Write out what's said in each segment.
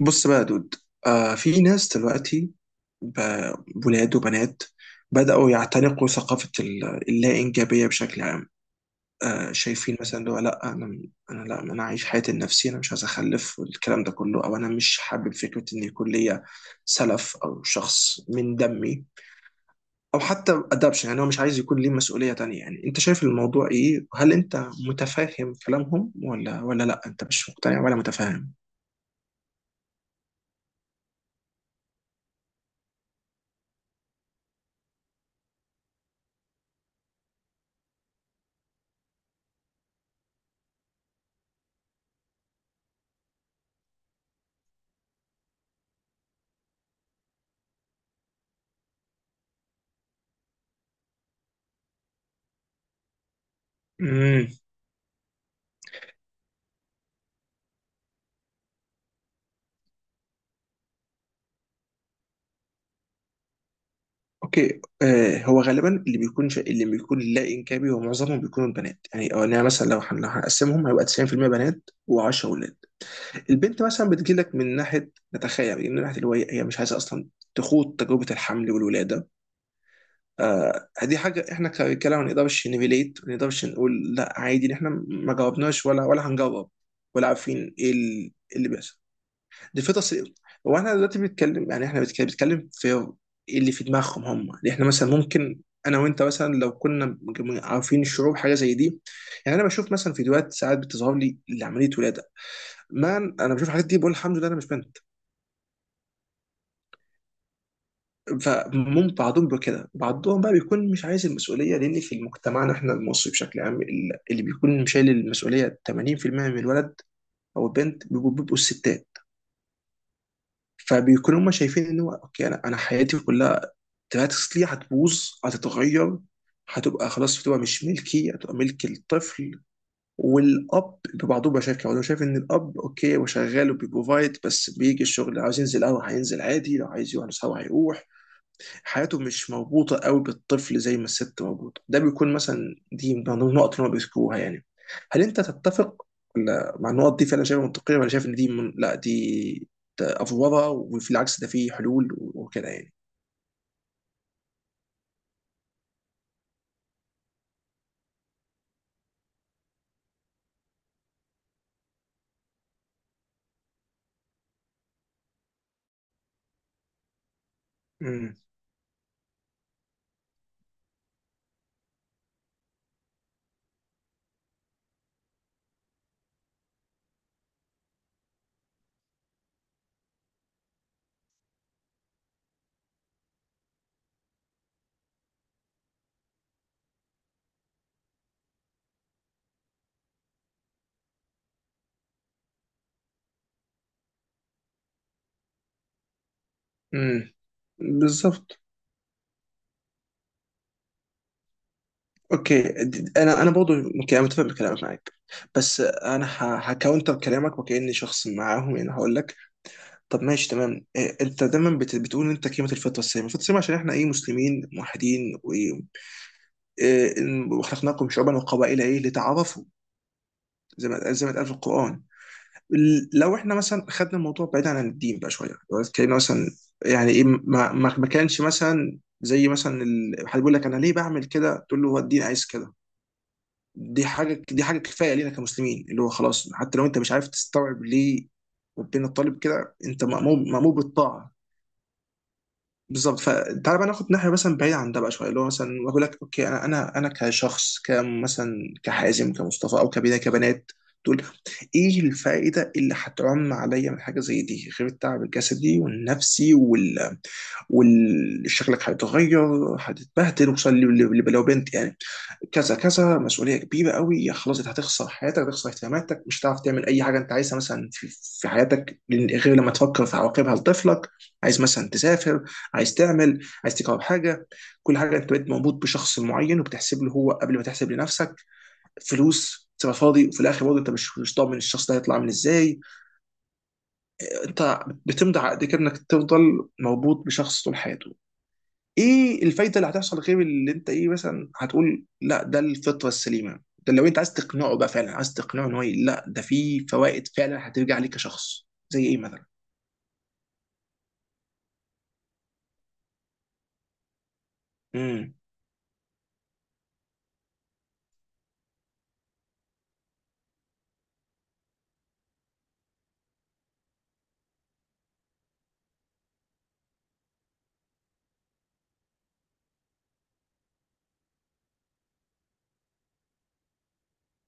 بص بقى يا دود. في ناس دلوقتي، ب- ولاد وبنات، بدأوا يعتنقوا ثقافة اللا إنجابية بشكل عام. شايفين مثلا اللي هو لا أنا عايش حياتي لنفسي، أنا مش عايز أخلف والكلام ده كله، أو أنا مش حابب فكرة إن يكون ليا سلف أو شخص من دمي، أو حتى أدابشن. يعني هو مش عايز يكون ليه مسؤولية تانية. يعني أنت شايف الموضوع إيه؟ هل أنت متفاهم كلامهم ولا ولا لا أنت مش مقتنع ولا متفاهم؟ اوكي. هو غالبا اللي بيكون اللي بيكون لا انكابي، هو معظمهم بيكونوا البنات، يعني. او انا مثلا لو هنقسمهم هيبقى 90% بنات و10 ولاد. البنت مثلا بتجيلك من ناحيه، نتخيل يعني، من ناحيه اللي هو هي مش عايزه اصلا تخوض تجربه الحمل والولاده. دي حاجه احنا كرجاله ما نقدرش نريليت، ما نقدرش نقول لا عادي إن احنا ما جاوبناش ولا هنجاوب، ولا عارفين ايه إيه اللي بيحصل. دي فطرة سي- هو احنا دلوقتي بنتكلم، يعني احنا بنتكلم في إيه اللي في دماغهم هم. يعني احنا مثلا ممكن انا وانت مثلا لو كنا عارفين الشعور حاجه زي دي. يعني انا بشوف مثلا فيديوهات ساعات بتظهر لي لعمليه ولاده، مان انا بشوف الحاجات دي بقول الحمد لله انا مش بنت. فممكن بعضهم بيبقى كده، بعضهم بقى بيكون مش عايز المسؤوليه، لان في مجتمعنا احنا المصري بشكل عام اللي بيكون شايل المسؤوليه 80% من الولد او البنت، بيبقوا الستات. فبيكونوا هم شايفين ان هو اوكي، انا حياتي كلها دراكسلي هتبوظ، هتتغير، هتبقى خلاص، بتبقى مش ملكي، هتبقى ملك الطفل. والاب ببعضه بقى شايف كده، هو شايف ان الاب اوكي هو شغال وبيبروفايد، بس بيجي الشغل لو عايز ينزل قهوه هينزل عادي، لو عايز يروح نسهر هيروح. حياته مش مربوطه قوي بالطفل زي ما الست مربوطه. ده بيكون مثلا دي من ضمن النقط اللي هم بيذكروها يعني. هل انت تتفق ولا مع النقط دي، فعلا شايفها منطقيه، ولا شايف ان دي من... لا دي، ده افوره وفي العكس ده فيه حلول وكده، يعني؟ امم، بالظبط. اوكي، انا برضه ممكن انا متفق بكلامك معاك، بس انا هكاونتر كلامك، وكاني شخص معاهم يعني. هقول لك طب ماشي تمام، إيه، انت دايما بتقول انت قيمه الفطره السامه عشان احنا ايه، مسلمين موحدين، إيه، وخلقناكم شعوبا وقبائل ايه لتعارفوا، زي ما زي ما اتقال في القران. لو احنا مثلا خدنا الموضوع بعيد عن الدين بقى شويه، لو اتكلمنا مثلا، يعني ايه ما كانش مثلا، زي مثلا حد بيقول لك انا ليه بعمل كده، تقول له هو الدين عايز كده. دي حاجه كفايه لينا كمسلمين، اللي هو خلاص حتى لو انت مش عارف تستوعب ليه ربنا طالب كده، انت مأمور، مأمور بالطاعه. بالظبط. فتعال بقى ناخد ناحيه مثلا بعيده عن ده بقى شويه، اللي هو مثلا اقول لك اوكي، انا كشخص، كمثلا كحازم، كمصطفى، او كبنات، كبنات تقول ايه الفائده اللي هتعم عليا من حاجه زي دي، غير التعب الجسدي والنفسي وشكلك هيتغير، هتتبهدل وصل لو بنت يعني. كذا كذا مسؤوليه كبيره قوي، خلاص انت هتخسر حياتك، هتخسر اهتماماتك، مش هتعرف تعمل اي حاجه انت عايزها، مثلا في حياتك، غير لما تفكر في عواقبها لطفلك. عايز مثلا تسافر، عايز تعمل، عايز تجرب حاجه، كل حاجه انت بقيت مربوط بشخص معين، وبتحسب له هو قبل ما تحسب لنفسك، فلوس تبقى فاضي. وفي الاخر برضه انت مش ضامن الشخص ده هيطلع عامل ازاي. انت بتمضي عقد كده انك تفضل مربوط بشخص طول حياته. ايه الفايده اللي هتحصل، غير اللي انت ايه، مثلا هتقول لا ده الفطره السليمه؟ ده لو انت عايز تقنعه بقى، فعلا عايز تقنعه ان هو لا ده في فوائد فعلا هترجع لك كشخص، زي ايه مثلا؟ امم.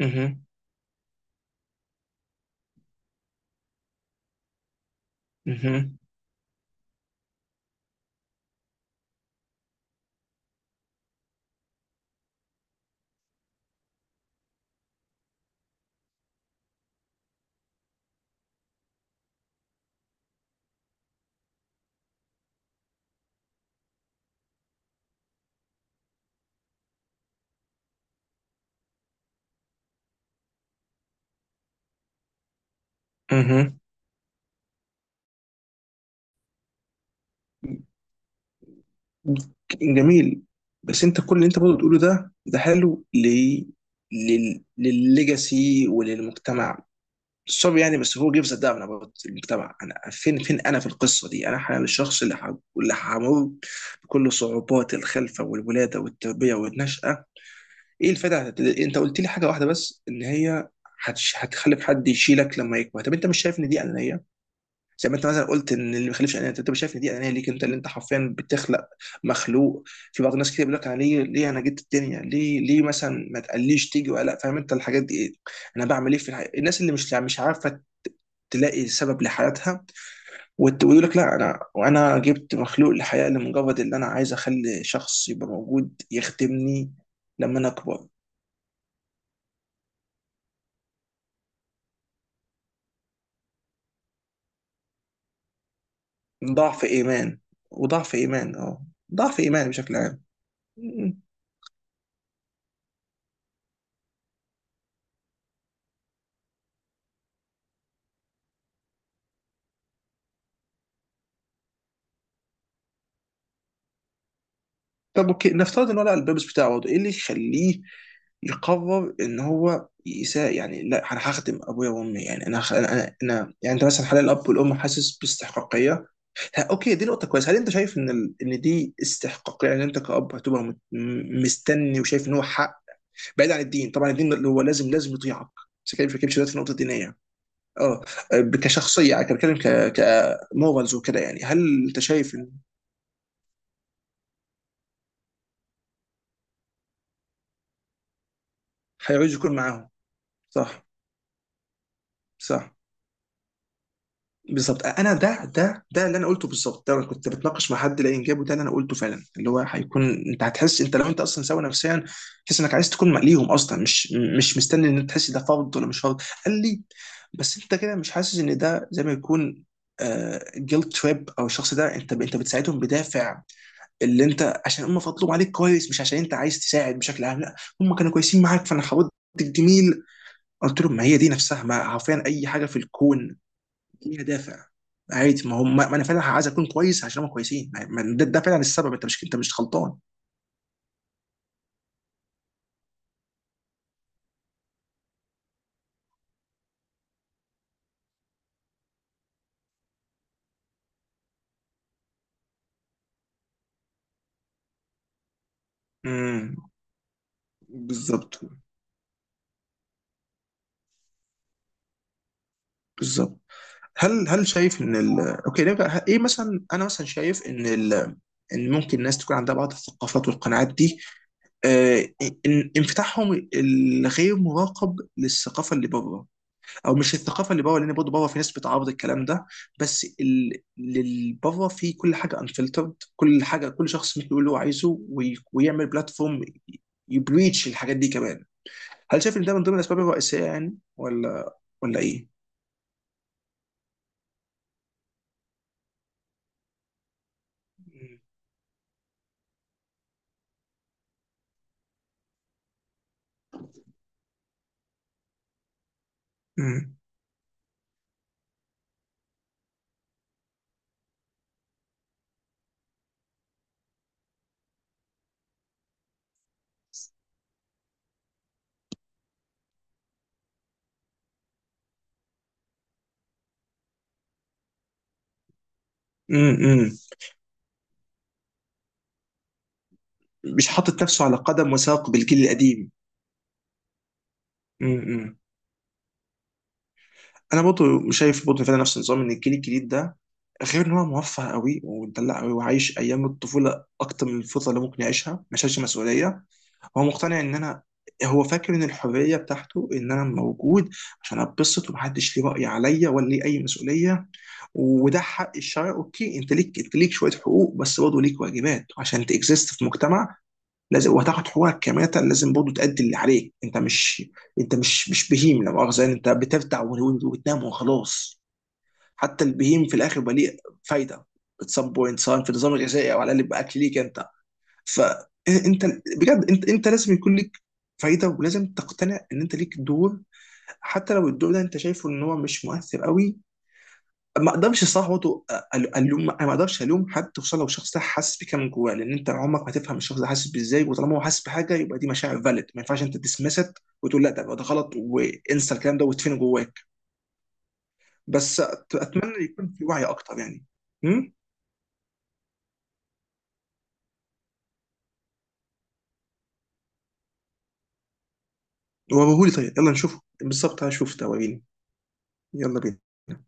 اها. اها. اها. جميل. بس انت كل اللي انت برضه بتقوله ده، ده حلو للليجاسي وللمجتمع. سوري يعني، بس هو جيفز دامن اباوت المجتمع، انا فين انا في القصه دي؟ انا حاليا الشخص اللي همر بكل صعوبات الخلفه والولاده والتربيه والنشاه. ايه الفائده؟ انت قلت لي حاجه واحده بس، ان هي هتخلف حد يشيلك لما يكبر. طب انت مش شايف ان دي انانيه؟ زي ما انت مثلا قلت ان اللي ما يخلفش انانيه، انت مش شايف ان دي انانيه ليك انت، اللي انت حرفيا بتخلق مخلوق؟ في بعض الناس كتير بيقول لك أنا ليه، ليه انا جيت الدنيا، ليه، ليه مثلا ما تقليش تيجي، ولا فاهم انت الحاجات دي ايه، انا بعمل ايه في الحياه. الناس اللي مش عارفه تلاقي سبب لحياتها، ويقول لك لا انا، وانا جبت مخلوق للحياه لمجرد ان انا عايز اخلي شخص يبقى موجود يخدمني لما انا اكبر. ضعف ايمان. وضعف ايمان، اه. ضعف ايمان بشكل عام. م- طب اوكي، نفترض ان هو لقى البيربس بتاعه برضه. ايه اللي يخليه يقرر ان هو يساء، يعني لا انا هخدم ابويا وامي؟ يعني انا يعني انت مثلا حاليا، الاب والام حاسس باستحقاقيه. اوكي، دي نقطة كويسة. هل انت شايف ان ان دي استحقاقية؟ يعني انت كأب هتبقى مستني وشايف ان هو حق، بعيد عن الدين طبعا، الدين اللي هو لازم يطيعك. بس كده ما بتكلمش دلوقتي في نقطة دينية. اه. كشخصية يعني، كان بتكلم كمورالز وكده، يعني هل انت شايف ان هيعوز يكون معاهم؟ صح. صح. بالظبط، انا ده اللي انا قلته بالظبط. ده أنا كنت بتناقش مع حد لقى انجابه، ده اللي انا قلته فعلا، اللي هو هيكون انت هتحس، انت لو انت اصلا سوي نفسيا، تحس انك عايز تكون مقليهم اصلا، مش مش مستني ان أنت تحس ده فرض ولا مش فرض، قال لي. بس انت كده مش حاسس ان ده زي ما يكون جيلت تريب؟ او الشخص ده انت انت بتساعدهم بدافع اللي انت عشان هم فضلوا عليك كويس، مش عشان انت عايز تساعد بشكل عام. لا، هم كانوا كويسين معاك، فانا حاولت الجميل. قلت لهم ما هي دي نفسها، ما حرفيا اي حاجه في الكون ليها دافع، عادي. ما هم، ما انا فعلا عايز اكون كويس عشان هم كويسين، ما- ما ده فعلا السبب، انت مش، انت مش غلطان. امم. بالظبط. بالظبط. هل شايف ان اوكي نرجع، ايه مثلا، انا مثلا شايف ان ان ممكن الناس تكون عندها بعض الثقافات والقناعات دي، آه... انفتاحهم الغير مراقب للثقافه اللي بره، او مش الثقافه اللي بره لان برضه بره في ناس بتعارض الكلام ده، بس اللي بره في كل حاجه انفلترد، كل حاجه كل شخص ممكن يقول اللي هو عايزه، ويعمل بلاتفورم يبريتش الحاجات دي كمان. هل شايف ان ده من ضمن الاسباب الرئيسيه، يعني، ولا ايه؟ مم. مم. مم. مش حاطط نفسه على قدم وساق بالجيل القديم. مم. انا برضه شايف، برضه فعلا نفس النظام، ان الجيل الجديد ده غير ان هو موفر قوي ومدلع قوي وعايش ايام الطفوله اكتر من الفتره اللي ممكن يعيشها، ما شالش مسؤوليه. هو مقتنع ان انا، هو فاكر ان الحريه بتاعته ان انا موجود عشان اتبسط، ومحدش ليه راي عليا ولا ليه اي مسؤوليه. وده حق الشرع، اوكي، انت ليك شويه حقوق، بس برضه ليك واجبات عشان تكزيست في مجتمع، لازم. وهتاخد حقوقك كماتا، لازم برضه تأدي اللي عليك. انت مش، انت مش بهيم، لا مؤاخذه يعني، انت بترتع وتنام وخلاص. حتى البهيم في الاخر بقى ليه فايده at some point، سواء في النظام الغذائي او على الاقل باكل ليك انت. فانت بجد، انت لازم يكون ليك فايده، ولازم تقتنع ان انت ليك دور، حتى لو الدور ده انت شايفه ان هو مش مؤثر قوي. ما اقدرش الصراحه برضه الوم، انا ما اقدرش الوم حد، خصوصا لو الشخص ده حاسس بكده من جواه، لان انت عمرك ما تفهم الشخص ده حاسس بازاي، وطالما هو حاسس بحاجه يبقى دي مشاعر فالid، ما ينفعش انت تسمست وتقول لا ده ده غلط وانسى الكلام ده وتفين جواك. بس اتمنى يكون في وعي اكتر يعني. امم. وريهولي، طيب يلا نشوفه بالظبط، هشوف ده وريني. يلا بينا.